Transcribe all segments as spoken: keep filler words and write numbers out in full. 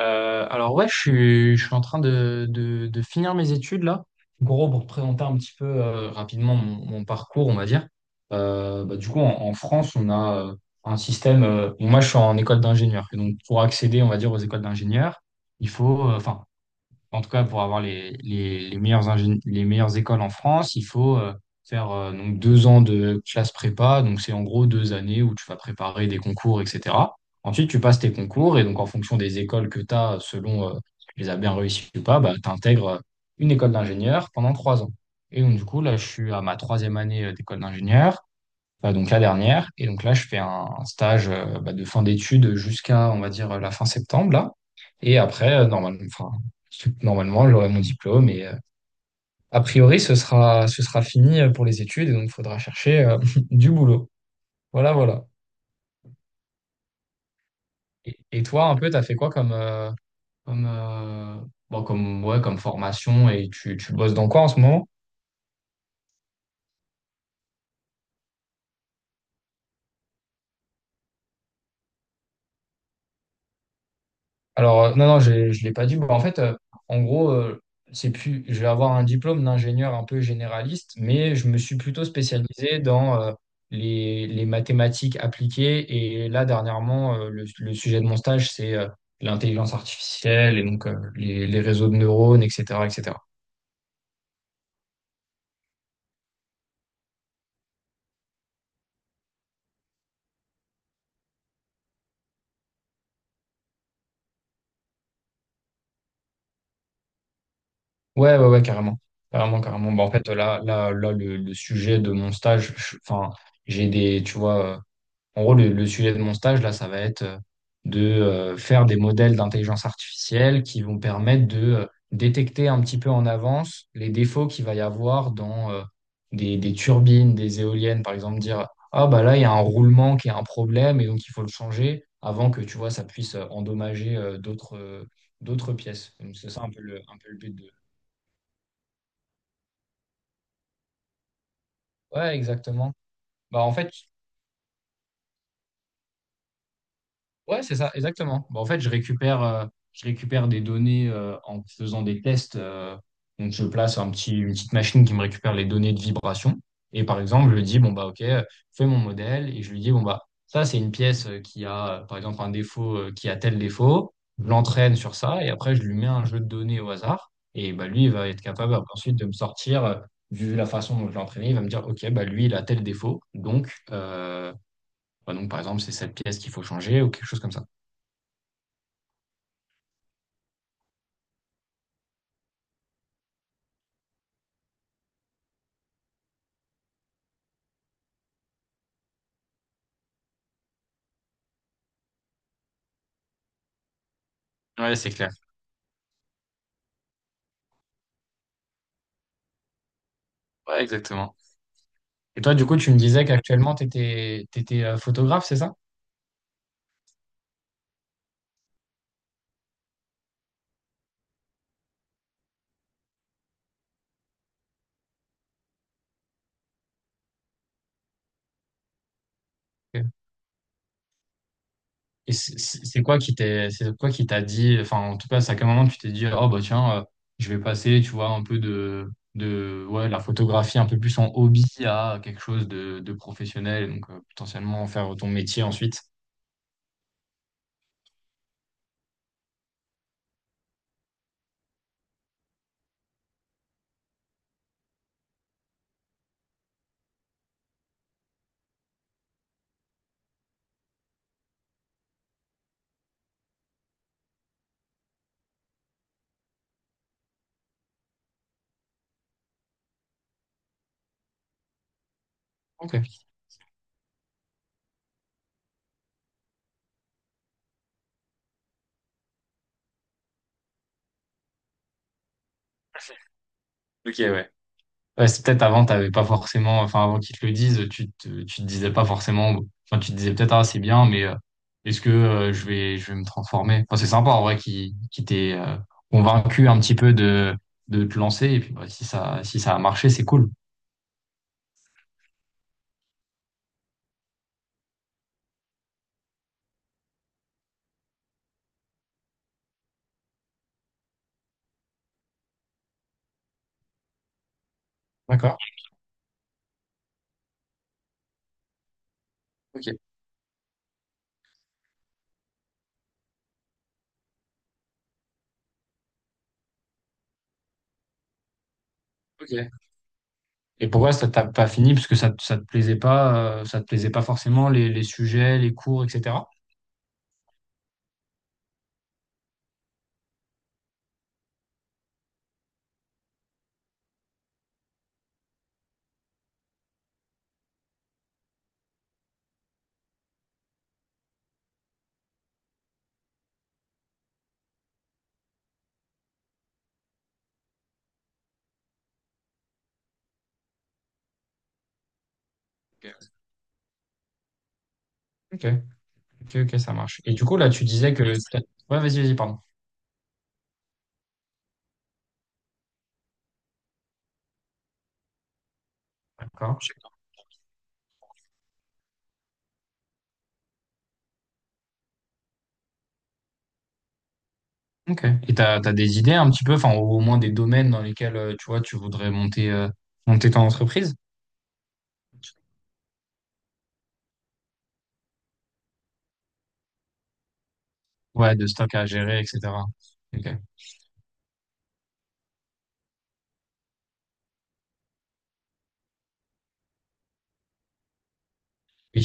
Euh, alors ouais, je suis, je suis en train de, de- de finir mes études là. Gros, pour présenter un petit peu euh, rapidement mon, mon parcours, on va dire. Euh, bah, du coup, en, en France, on a euh, un système. Euh, bon, moi, je suis en école d'ingénieur. Et donc, pour accéder, on va dire, aux écoles d'ingénieurs, il faut, euh, enfin. En tout cas, pour avoir les, les, les meilleures ingé- les meilleures écoles en France, il faut euh, faire euh, donc deux ans de classe prépa. Donc, c'est en gros deux années où tu vas préparer des concours, et cetera. Ensuite, tu passes tes concours et donc, en fonction des écoles que tu as, selon euh, si tu les as bien réussies ou pas, bah, tu intègres une école d'ingénieur pendant trois ans. Et donc, du coup, là, je suis à ma troisième année, euh, d'école d'ingénieur, euh, donc la dernière. Et donc là, je fais un un stage, euh, bah, de fin d'études jusqu'à, on va dire, euh, la fin septembre, là. Et après, euh, normalement, enfin, normalement, j'aurai mon diplôme et, euh, a priori, ce sera, ce sera fini, euh, pour les études, et donc il faudra chercher euh, du boulot. Voilà, voilà. Et, et toi, un peu, t'as fait quoi comme, euh, comme, euh, bon, comme, ouais, comme formation, et tu, tu bosses dans quoi en ce moment? Alors, euh, non, non, je ne l'ai pas dit. Bon, en fait, euh, en gros, euh, c'est plus, je vais avoir un diplôme d'ingénieur un peu généraliste, mais je me suis plutôt spécialisé dans euh, les, les mathématiques appliquées. Et là, dernièrement, euh, le, le sujet de mon stage, c'est euh, l'intelligence artificielle, et donc euh, les, les réseaux de neurones, et cetera, et cetera. Ouais, ouais, ouais, carrément. Carrément, carrément. Bah, en fait, là, là, là, le, le sujet de mon stage, je- enfin, j'ai des, tu vois, euh, en gros, le, le sujet de mon stage, là, ça va être euh, de euh, faire des modèles d'intelligence artificielle qui vont permettre de euh, détecter un petit peu en avance les défauts qu'il va y avoir dans euh, des, des turbines, des éoliennes, par exemple, dire, ah, bah là, il y a un roulement qui est un problème, et donc il faut le changer avant que, tu vois, ça puisse euh, endommager, euh, d'autres, euh, d'autres pièces. Donc, c'est ça un peu le, un peu le but. Ouais, exactement. Bah, en fait, ouais, c'est ça, exactement. Bah, en fait, je récupère, euh, je récupère des données, euh, en faisant des tests. Euh, donc, je place un petit, une petite machine qui me récupère les données de vibration. Et par exemple, je lui dis, bon, bah, OK, euh, fais mon modèle. Et je lui dis, bon, bah, ça, c'est une pièce, euh, qui a, euh, par exemple, un défaut, euh, qui a tel défaut. Je l'entraîne sur ça. Et après, je lui mets un jeu de données au hasard. Et bah, lui, il va être capable après, ensuite, de me sortir, euh, vu la façon dont je l'ai entraîné, il va me dire, OK, bah, lui, il a tel défaut. Donc, euh, bah, donc, par exemple, c'est cette pièce qu'il faut changer, ou quelque chose comme ça. Ouais, c'est clair. Ouais, exactement. Et toi, du coup, tu me disais qu'actuellement, tu étais photographe, c'est ça? Ok. Et c'est c'est- c'est quoi qui t'est, c'est quoi qui t'a dit, enfin, en tout cas, c'est à quel moment tu t'es dit, oh bah tiens, euh, je vais passer, tu vois, un peu de, de ouais, la photographie un peu plus en hobby, à quelque chose de, de professionnel, donc euh, potentiellement en faire ton métier ensuite. Ok. Ok, ouais. Ouais, c'est peut-être avant, t'avais pas forcément, enfin avant qu'ils te le disent, tu te, tu te disais pas forcément, enfin tu te disais peut-être ah c'est bien, mais euh, est-ce que, euh, je vais je vais me transformer? Enfin c'est sympa en vrai qui qui t'ait euh, convaincu un petit peu de de te lancer, et puis bah, si ça si ça a marché, c'est cool. D'accord. Ok. Ok. Et pourquoi ça t'a pas fini? Parce que ça te- ça te plaisait pas euh, ça te plaisait pas forcément les les sujets, les cours, et cetera. Ok. Ok, ok, ok, ça marche. Et du coup, là, tu disais que... ouais, vas-y, vas-y, pardon. D'accord. Ok. Et t'as, t'as des idées un petit peu, enfin, au au moins des domaines dans lesquels, euh, tu vois, tu voudrais monter, euh, monter ton entreprise? Ouais, de stock à gérer, et cetera. Ok. Oui.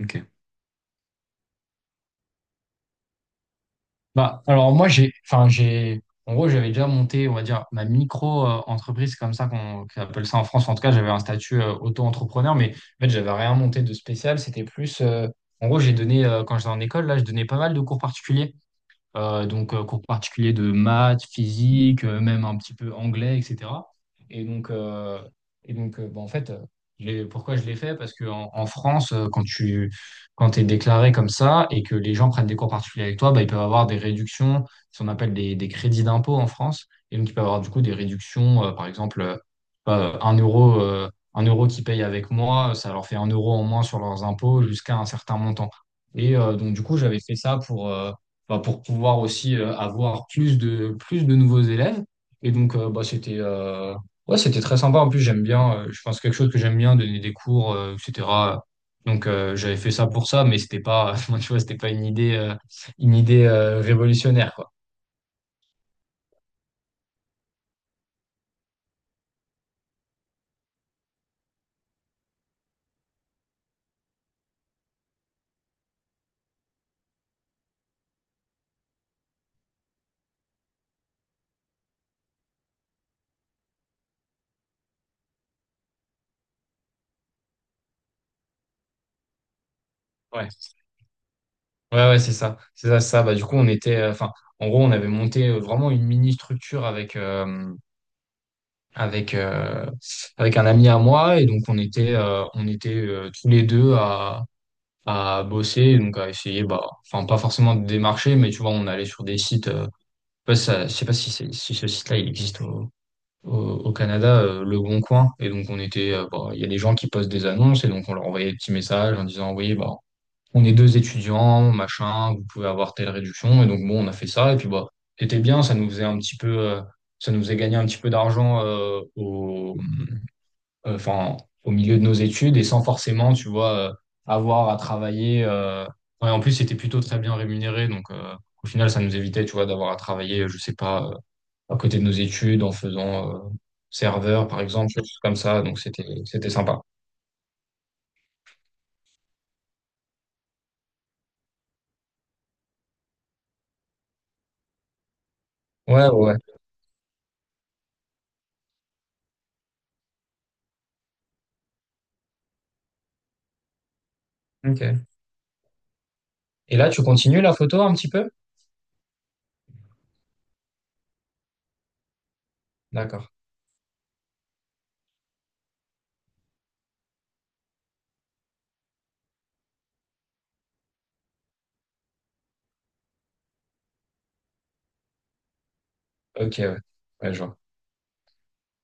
Ok. Bah, alors moi, j'ai, enfin, j'ai, en gros, j'avais déjà monté, on va dire, ma micro-entreprise, comme ça qu'on qu'on appelle ça en France. En tout cas, j'avais un statut, euh, auto-entrepreneur, mais en fait, j'avais rien monté de spécial. C'était plus, euh, en gros, j'ai donné, euh, quand j'étais en école, là, je donnais pas mal de cours particuliers. Euh, donc, euh, cours particuliers de maths, physique, euh, même un petit peu anglais, et cetera. Et donc, euh, et donc euh, Bah, en fait, euh, j'ai- pourquoi je l'ai fait? Parce qu'en en en France, euh, quand tu quand t'es déclaré comme ça, et que les gens prennent des cours particuliers avec toi, bah, ils peuvent avoir des réductions, ce qu'on appelle des, des crédits d'impôt en France. Et donc, ils peuvent avoir, du coup, des réductions, euh, par exemple, euh, euh, un euro, euh, un euro qu'ils payent avec moi, ça leur fait un euro en moins sur leurs impôts, jusqu'à un certain montant. Et euh, donc, du coup, j'avais fait ça pour, euh, enfin, pour pouvoir aussi euh, avoir plus de, plus de nouveaux élèves. Et donc, euh, bah, c'était euh, ouais, c'était très sympa. En plus, j'aime bien, euh, je pense quelque chose que j'aime bien, donner des cours, euh, et cetera. Donc, euh, j'avais fait ça pour ça, mais c'était pas, moi, tu vois, c'était pas une idée, euh, une idée euh, révolutionnaire, quoi. Ouais, ouais, ouais, c'est ça. C'est ça, c'est ça. Bah, du coup, on était, euh, enfin, en gros, on avait monté euh, vraiment une mini structure avec, euh, avec, euh, avec un ami à moi. Et donc, on était, euh, on était euh, tous les deux à, à bosser, donc à essayer, bah, enfin pas forcément de démarcher, mais tu vois, on allait sur des sites, euh, je sais pas si ça- je sais pas si, c'est- si ce site-là il existe au, au, au Canada, euh, Le Bon Coin, et donc on était, euh, bah, il y a des gens qui postent des annonces, et donc on leur envoyait des petits messages en disant, oui, bah, on est deux étudiants, machin, vous pouvez avoir telle réduction, et donc bon, on a fait ça, et puis bah, c'était bien, ça nous faisait un petit peu, euh, ça nous faisait gagner un petit peu d'argent, euh, au euh, enfin, au milieu de nos études, et sans forcément, tu vois, euh, avoir à travailler. Euh, ouais, en plus, c'était plutôt très bien rémunéré, donc euh, au final, ça nous évitait, tu vois, d'avoir à travailler, je sais pas, euh, à côté de nos études, en faisant euh, serveur, par exemple, choses comme ça. Donc c'était c'était sympa. Ouais, ouais. Ok. Et là, tu continues la photo un petit peu? D'accord. Ok, ouais. Ouais, je vois.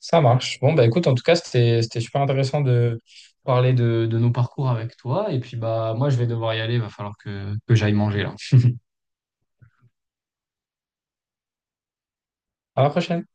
Ça marche. Bon, bah écoute, en tout cas, c'était c'était super intéressant de parler de, de nos parcours avec toi. Et puis bah moi, je vais devoir y aller. Il va falloir que, que j'aille manger là. À la prochaine.